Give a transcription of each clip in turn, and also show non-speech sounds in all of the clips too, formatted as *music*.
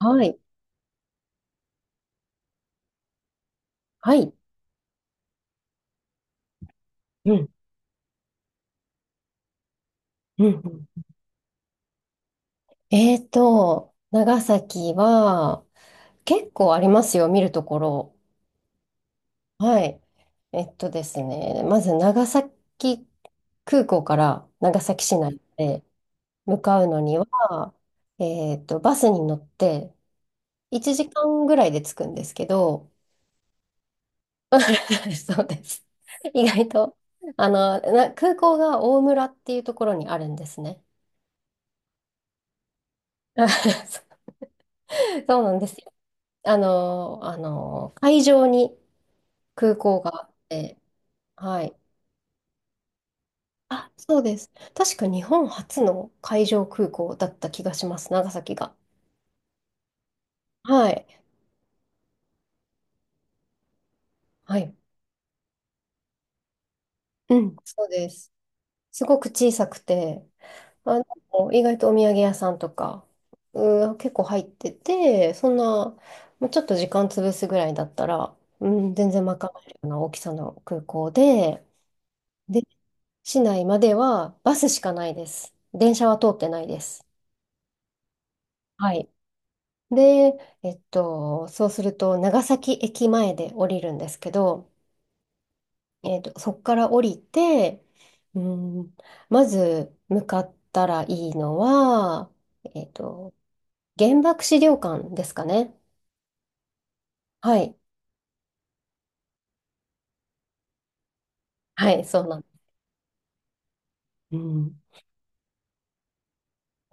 はい。はい。うん、うん、うん。長崎は結構ありますよ、見るところ。はい。えっとですね、まず長崎空港から長崎市内へ向かうのには、バスに乗って1時間ぐらいで着くんですけど。*laughs* そうです。意外と、な空港が大村っていうところにあるんですね。*laughs* そうなんですよ。会場に空港があって。はい。あ、そうです。確か日本初の海上空港だった気がします、長崎が。はい。はい。うん、そうです。すごく小さくて、あ意外とお土産屋さんとか、うん、結構入ってて、そんな、まあちょっと時間潰すぐらいだったら、うん、全然賄えるような大きさの空港で、で、市内まではバスしかないです。電車は通ってないです。はい。で、そうすると、長崎駅前で降りるんですけど、そこから降りて、うん、まず向かったらいいのは、えっと、原爆資料館ですかね。はい。はい、そうなん。うん。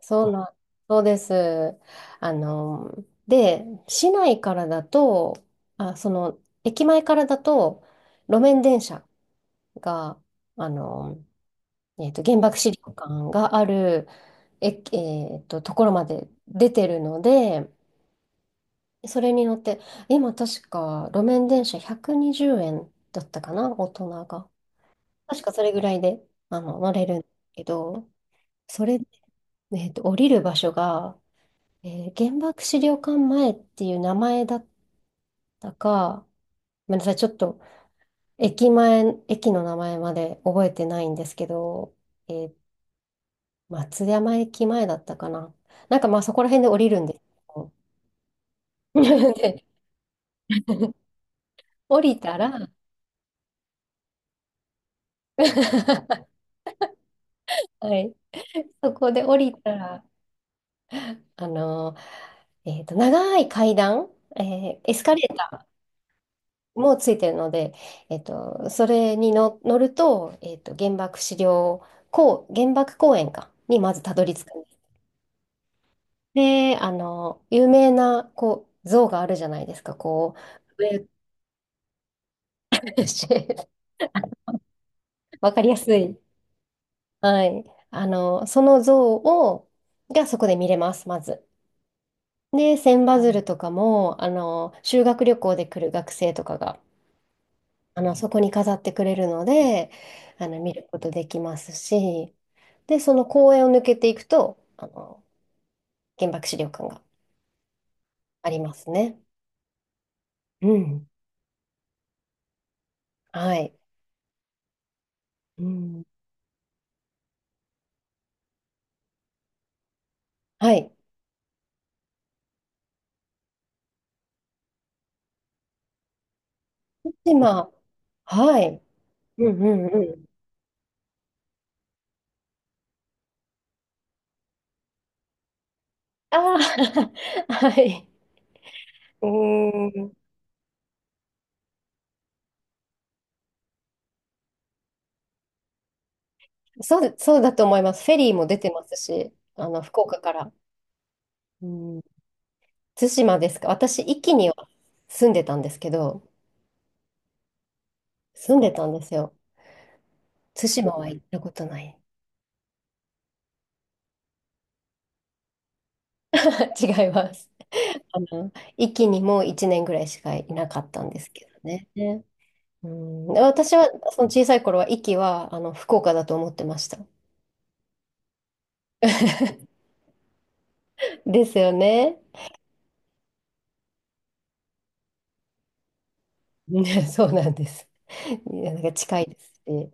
そうなん。そうです。あの、で、市内からだと、あ、その、駅前からだと、路面電車が、あの、原爆資料館がある、ところまで出てるので、それに乗って、今確か路面電車120円だったかな、大人が。確かそれぐらいで、乗れるんだけど、それで、降りる場所が、原爆資料館前っていう名前だったか、ごめんなさい、ちょっと駅前、駅の名前まで覚えてないんですけど、えっ松山駅前だったかな。なんかまあそこら辺で降りるんですけど。*laughs* で、降りたら *laughs* はい。そこで降りたら、あの長い階段、えエスカレーターもついてるので、それにの乗ると、原爆公園か、にまずたどり着くんです。で、あの有名な、こう、像があるじゃないですか、こう、上 *laughs* わかりやすいはい。その像を、がそこで見れます、まず。で、千羽鶴とかも、修学旅行で来る学生とかが、そこに飾ってくれるので、見ることできますし、で、その公園を抜けていくと、原爆資料館がありますね。うん。はい。うん。はい。今、はい。うんうんうん。ああ、*laughs* はい。うーん。そうそうだと思います。フェリーも出てますし、福岡から。うん、対馬ですか。私、壱岐には住んでたんですけど、住んでたんですよ。対馬は行ったことない。*laughs* 違います。あの、壱岐にも1年ぐらいしかいなかったんですけどね。ねうん、私は、その小さい頃は、壱岐は、福岡だと思ってました。*laughs* ですよね。ね *laughs* そうなんです。いやなんか近いですし。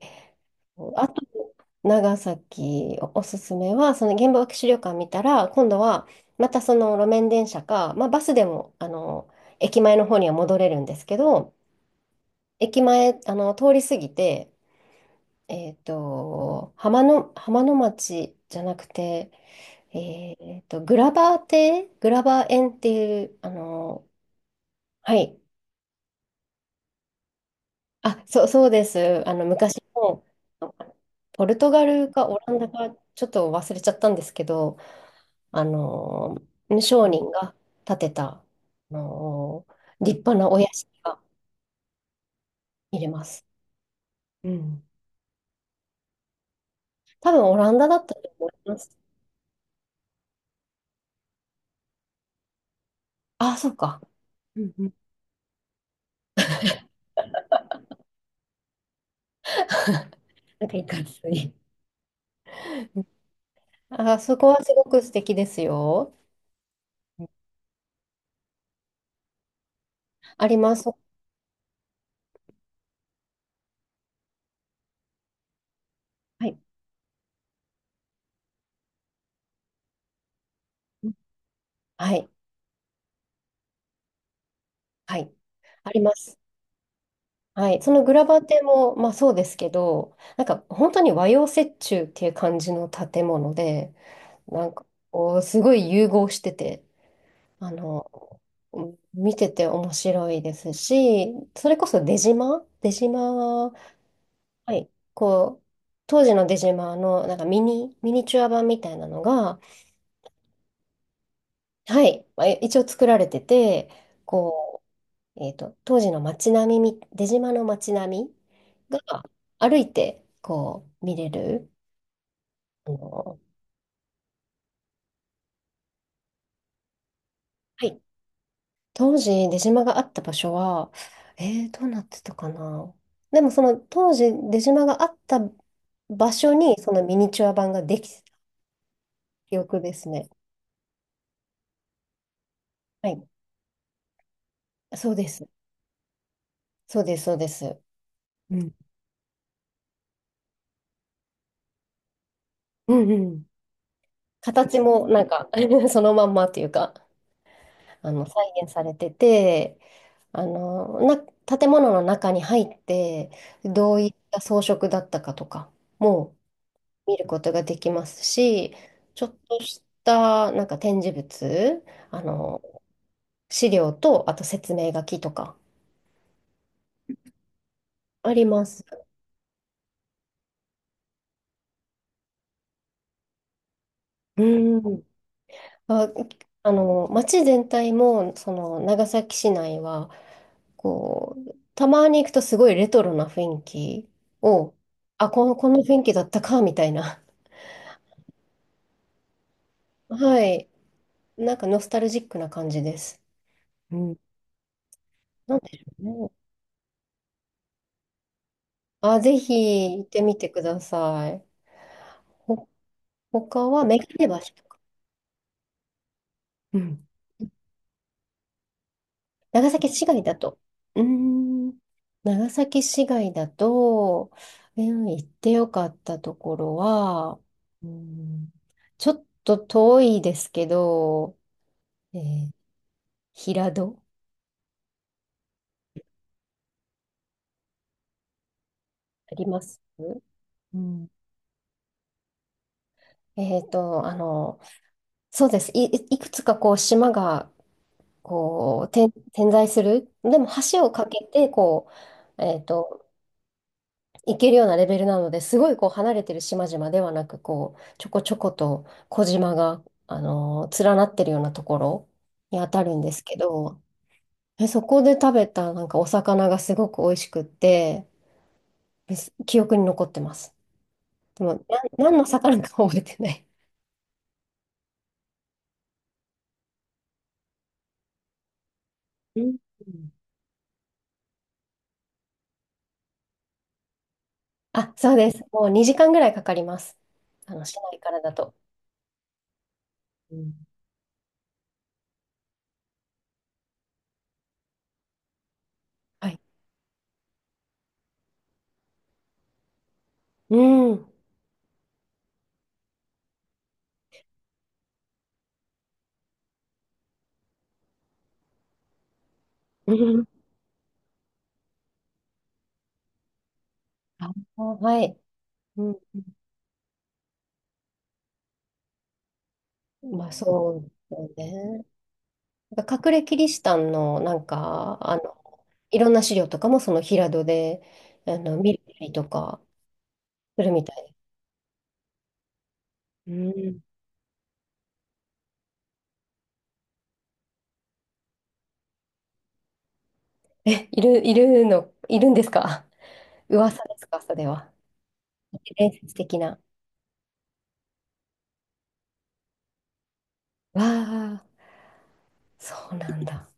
あと長崎おすすめは、その原爆資料館見たら、今度はまたその路面電車か、まあ、バスでも、駅前の方には戻れるんですけど、駅前、通り過ぎて、浜の町じゃなくて、グラバー園っていう、はい、あ、そう、そうです。あの昔のポルトガルかオランダかちょっと忘れちゃったんですけど、あの、商人が建てた、の、立派なお屋敷が見れます。うん。多分オランダだったと思います。あ、そうか。うんうんなんかいい感じに。あ、そこはすごく素敵ですよ。うんあります。はい。はい。はい。あります。はい。そのグラバテも、まあそうですけど、なんか本当に和洋折衷っていう感じの建物で、なんかこう、すごい融合してて、あの、見てて面白いですし、それこそ出島は、はい、こう、当時の出島のなんかミニチュア版みたいなのが、はい、まあ一応作られてて、こう、当時の街並みみ、出島の街並みが歩いてこう見れる、あの、はい。当時、出島があった場所は、どうなってたかな。でも、その当時、出島があった場所に、そのミニチュア版ができた記憶ですね。はい。そうです。そうです、そうです。うん。うんうん。形も、なんか *laughs* そのまんまというか、再現されてて、あの、な、建物の中に入って、どういった装飾だったかとか、も見ることができますし、ちょっとしたなんか展示物、あの、資料と、あと説明書きとかあります。うん。あ、街全体も、その、長崎市内は、こう、たまに行くとすごいレトロな雰囲気を、あ、この雰囲気だったか、みたいな。*laughs* はい。なんかノスタルジックな感じです。うん。なんでしょうね。あ、ぜひ行ってみてください。他はメガネ橋とか。うん。長崎市街だと。うーん。長崎市街だと、うん、行ってよかったところは、うん、ちょっと遠いですけど、えー平戸あります。うん。えっと、あの、そうです。いくつかこう島がこう点在する。でも橋を架けてこう、行けるようなレベルなのですごいこう離れてる島々ではなくこうちょこちょこと小島が、連なってるようなところにあたるんですけど、そこで食べたなんかお魚がすごく美味しくってです。記憶に残ってます。でもな何の魚か覚えてない。うん。あ、そうです。もう2時間ぐらいかかります。あの市内からだと。うん。はい。うん。うん。あ、*laughs* はい。うん、まあそうですよね。なんか隠れキリシタンのなんか、いろんな資料とかもその平戸で、見たりとかするみたい。うん。で。いるんですか？噂ですか、それは？伝説的な。わあ、そうなんだ。